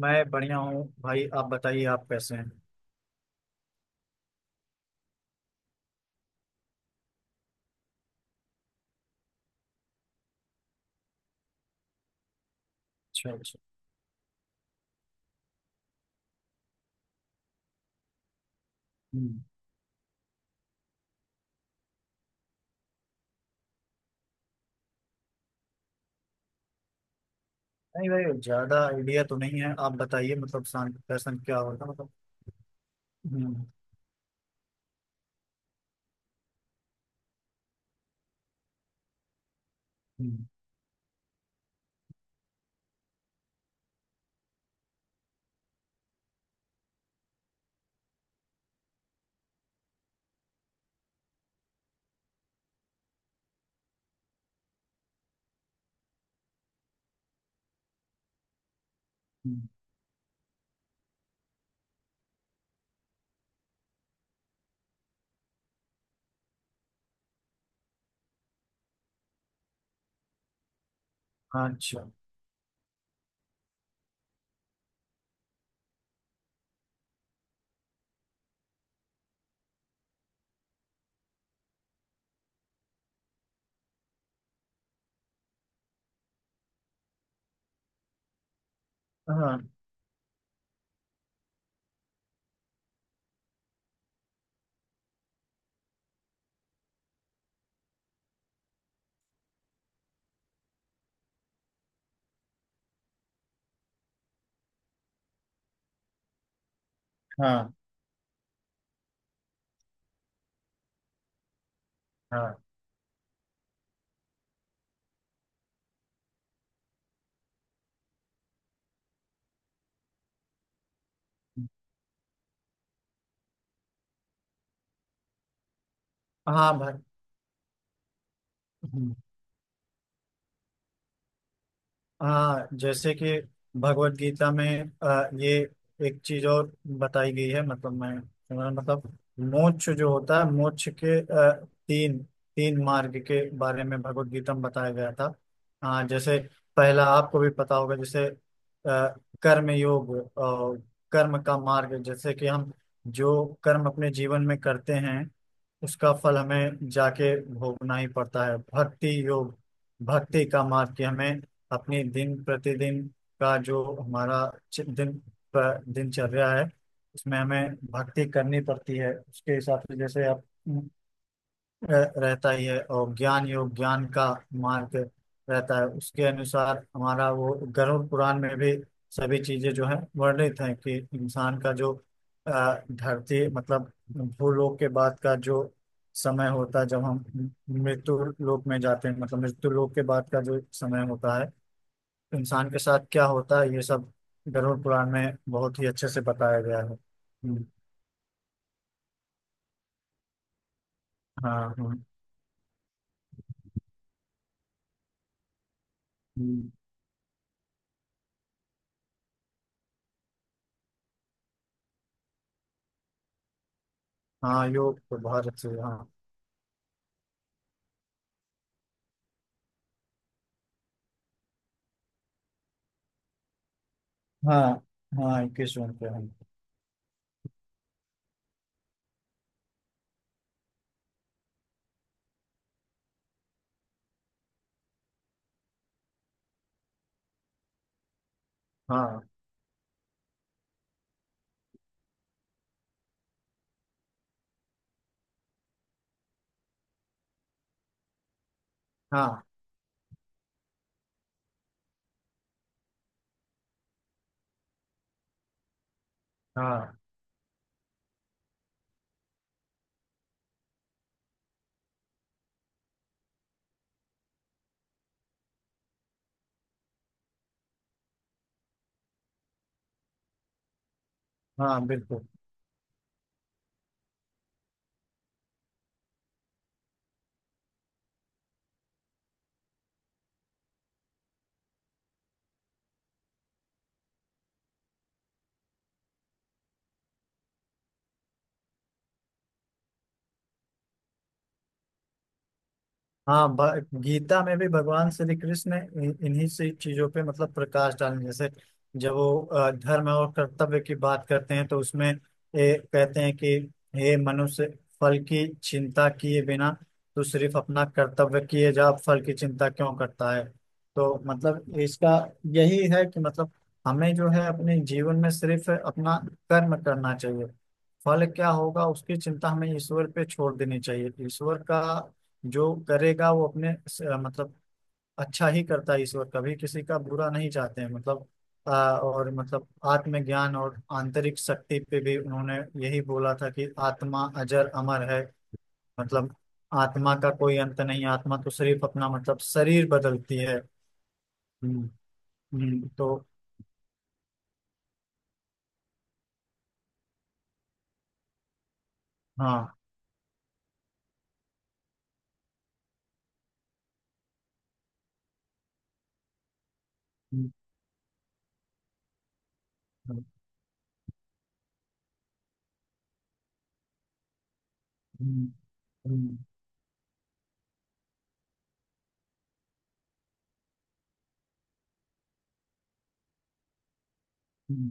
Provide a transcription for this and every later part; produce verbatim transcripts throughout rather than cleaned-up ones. मैं बढ़िया हूँ भाई। आप बताइए, आप कैसे हैं? अच्छा, अच्छा। हम्म। नहीं भाई, ज्यादा आइडिया तो नहीं है। आप बताइए मतलब शांत फैशन क्या होगा मतलब। हम्म। हम्म। हम्म। अच्छा। हाँ। हाँ। हाँ। हाँ भाई। हम्म। हाँ, जैसे कि भगवत गीता में आ, ये एक चीज और बताई गई है। मतलब मैं मैं- मतलब मोक्ष जो होता है, मोक्ष के आ, तीन तीन मार्ग के बारे में भगवत गीता में बताया गया था। हाँ जैसे पहला आपको भी पता होगा, जैसे आ, कर्म योग। और कर्म का मार्ग जैसे कि हम जो कर्म अपने जीवन में करते हैं उसका फल हमें जाके भोगना ही पड़ता है। भक्ति योग, भक्ति का मार्ग कि हमें अपनी दिन प्रतिदिन का जो हमारा चि- दिन प- दिनचर्या है उसमें हमें भक्ति करनी पड़ती है उसके हिसाब से जैसे आप रह- रहता ही है। और ज्ञान योग, ज्ञान का मार्ग रहता है उसके अनुसार। हमारा वो गरुड़ पुराण में भी सभी चीजें जो है वर्णित हैं कि इंसान का जो अ, धरती मतलब भूलोक के बाद का जो समय होता है, जब हम मृत्यु लोक में जाते हैं मतलब मृत्यु लोक के बाद का जो समय होता है, इंसान के साथ क्या होता है ये सब गरुड़ पुराण में बहुत ही अच्छे से बताया गया है। हम्म। हाँ। हम्म। हम्म। हाँ, योग तो बहुत अच्छे। हाँ। हाँ। हाँ, इक्कीस जून पे हम। हाँ। हाँ। हाँ। हाँ बिल्कुल। हाँ, भ- गीता में भी भगवान श्री कृष्ण ने इन- इन्हीं से चीजों पे मतलब प्रकाश डालने जैसे, जब वो अ, धर्म और कर्तव्य की बात करते हैं तो उसमें ए, कहते हैं कि हे मनुष्य, फल की चिंता किए बिना तो सिर्फ अपना कर्तव्य किए जा, फल की चिंता क्यों करता है। तो मतलब इसका यही है कि मतलब हमें जो है अपने जीवन में सिर्फ अपना कर्म करना चाहिए। फल क्या होगा उसकी चिंता हमें ईश्वर पे छोड़ देनी चाहिए। ईश्वर का जो करेगा वो अपने स- मतलब अच्छा ही करता है। ईश्वर कभी किसी का बुरा नहीं चाहते हैं मतलब। अ, और मतलब आत्मज्ञान और आंतरिक शक्ति पे भी उन्होंने यही बोला था कि आत्मा अजर अमर है। मतलब आत्मा का कोई अंत नहीं, आत्मा तो सिर्फ अपना मतलब शरीर बदलती है। हम्म। हम्म, तो। हाँ। हम्म। हम्म। हम्म। हम्म। हम्म।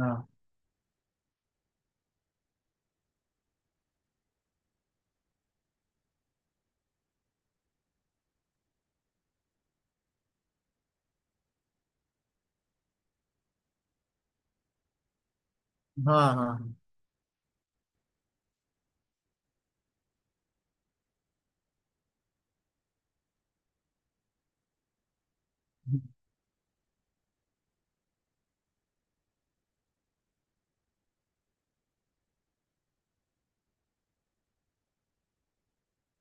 हाँ। हाँ। हाँ।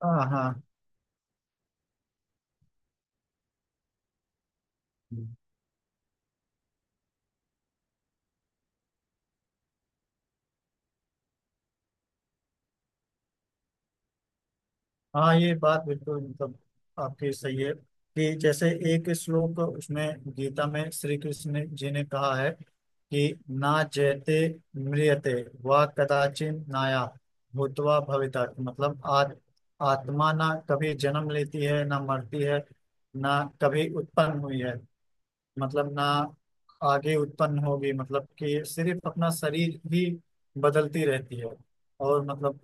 हाँ। हाँ। हाँ। हाँ, ये बात बिल्कुल मतलब आपकी सही है। कि जैसे एक श्लोक उसमें गीता में श्री कृष्ण जी ने कहा है कि ना जयते म्रियते वा कदाचिन नाया भूतवा भविता, मतलब आत, आत्मा ना कभी जन्म लेती है ना मरती है, ना कभी उत्पन्न हुई है, मतलब ना आगे उत्पन्न होगी, मतलब कि सिर्फ अपना शरीर ही बदलती रहती है। और मतलब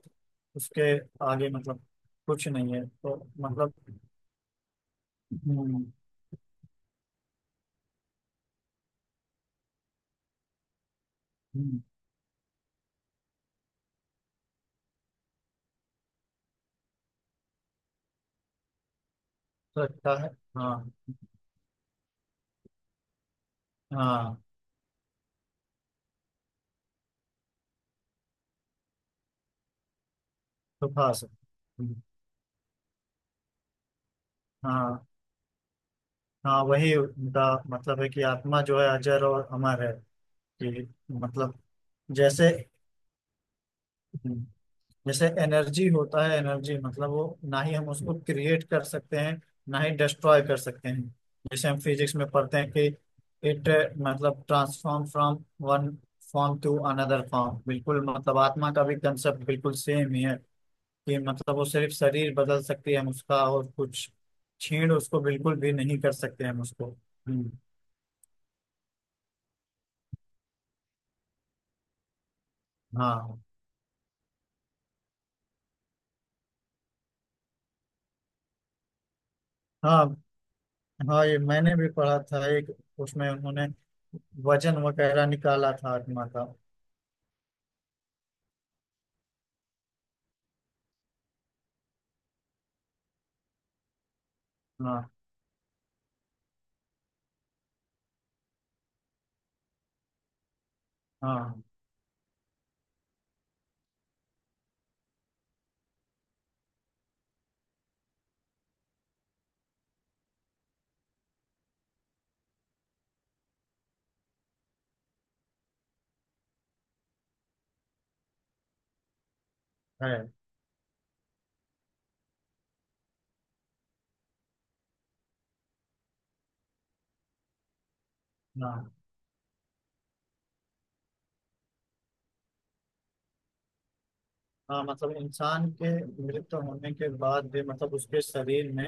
उसके आगे मतलब कुछ नहीं है तो मतलब। हम्म। हम्म, लगता है। हाँ। हाँ तो खास है। हम्म। हाँ। हाँ वही उनका मतलब है कि आत्मा जो है अजर और अमर है। कि मतलब जैसे। हम्म। जैसे एनर्जी होता है, एनर्जी मतलब वो ना ही हम उसको क्रिएट कर सकते हैं ना ही डिस्ट्रॉय कर सकते हैं। जैसे हम फिजिक्स में पढ़ते हैं कि इट मतलब transform from one form to another form. बिल्कुल, मतलब आत्मा का भी कंसेप्ट बिल्कुल सेम ही है। कि मतलब वो सिर्फ शरीर बदल सकती है, हम उसका और कुछ छीण उसको बिल्कुल भी नहीं कर सकते हम उसको। हम्म। हाँ। हाँ। हाँ ये मैंने भी पढ़ा था एक। उसमें उन्होंने वजन वगैरह निकाला था आत्मा का। हाँ। हाँ है। हाँ। हाँ, मतलब इंसान के मृत्यु होने के बाद भी मतलब उसके शरीर में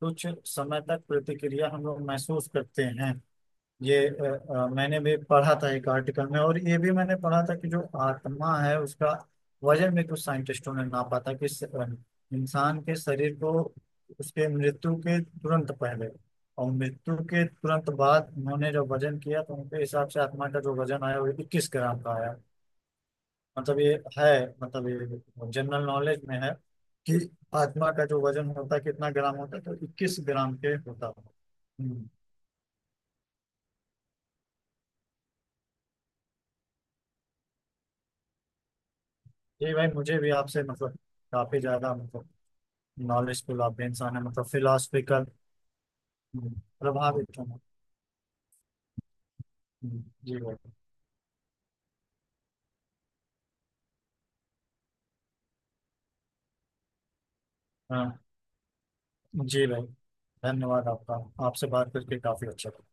कुछ समय तक प्रतिक्रिया हम लोग महसूस करते हैं। ये अ, अ, मैंने भी पढ़ा था एक आर्टिकल में, और ये भी मैंने पढ़ा था कि जो आत्मा है उसका वजन भी कुछ साइंटिस्टों ने नापा था कि स- अ, इंसान के शरीर को उसके मृत्यु के तुरंत पहले और मृत्यु के तुरंत बाद उन्होंने जो वजन किया तो उनके हिसाब से आत्मा का जो वजन आया वो इक्कीस ग्राम का आया। मतलब ये है, मतलब ये जनरल नॉलेज में है कि आत्मा का जो वजन होता है कितना ग्राम होता है तो इक्कीस ग्राम के होता है। हम्म। ये भाई मुझे भी आपसे मतलब काफी ज्यादा मतलब नॉलेजफुल आप इंसान है, मतलब फिलोसफिकल प्रभावित हूँ। हम्म, जी भाई। हाँ जी भाई, धन्यवाद आपका। आपसे बात करके काफी अच्छा लगा।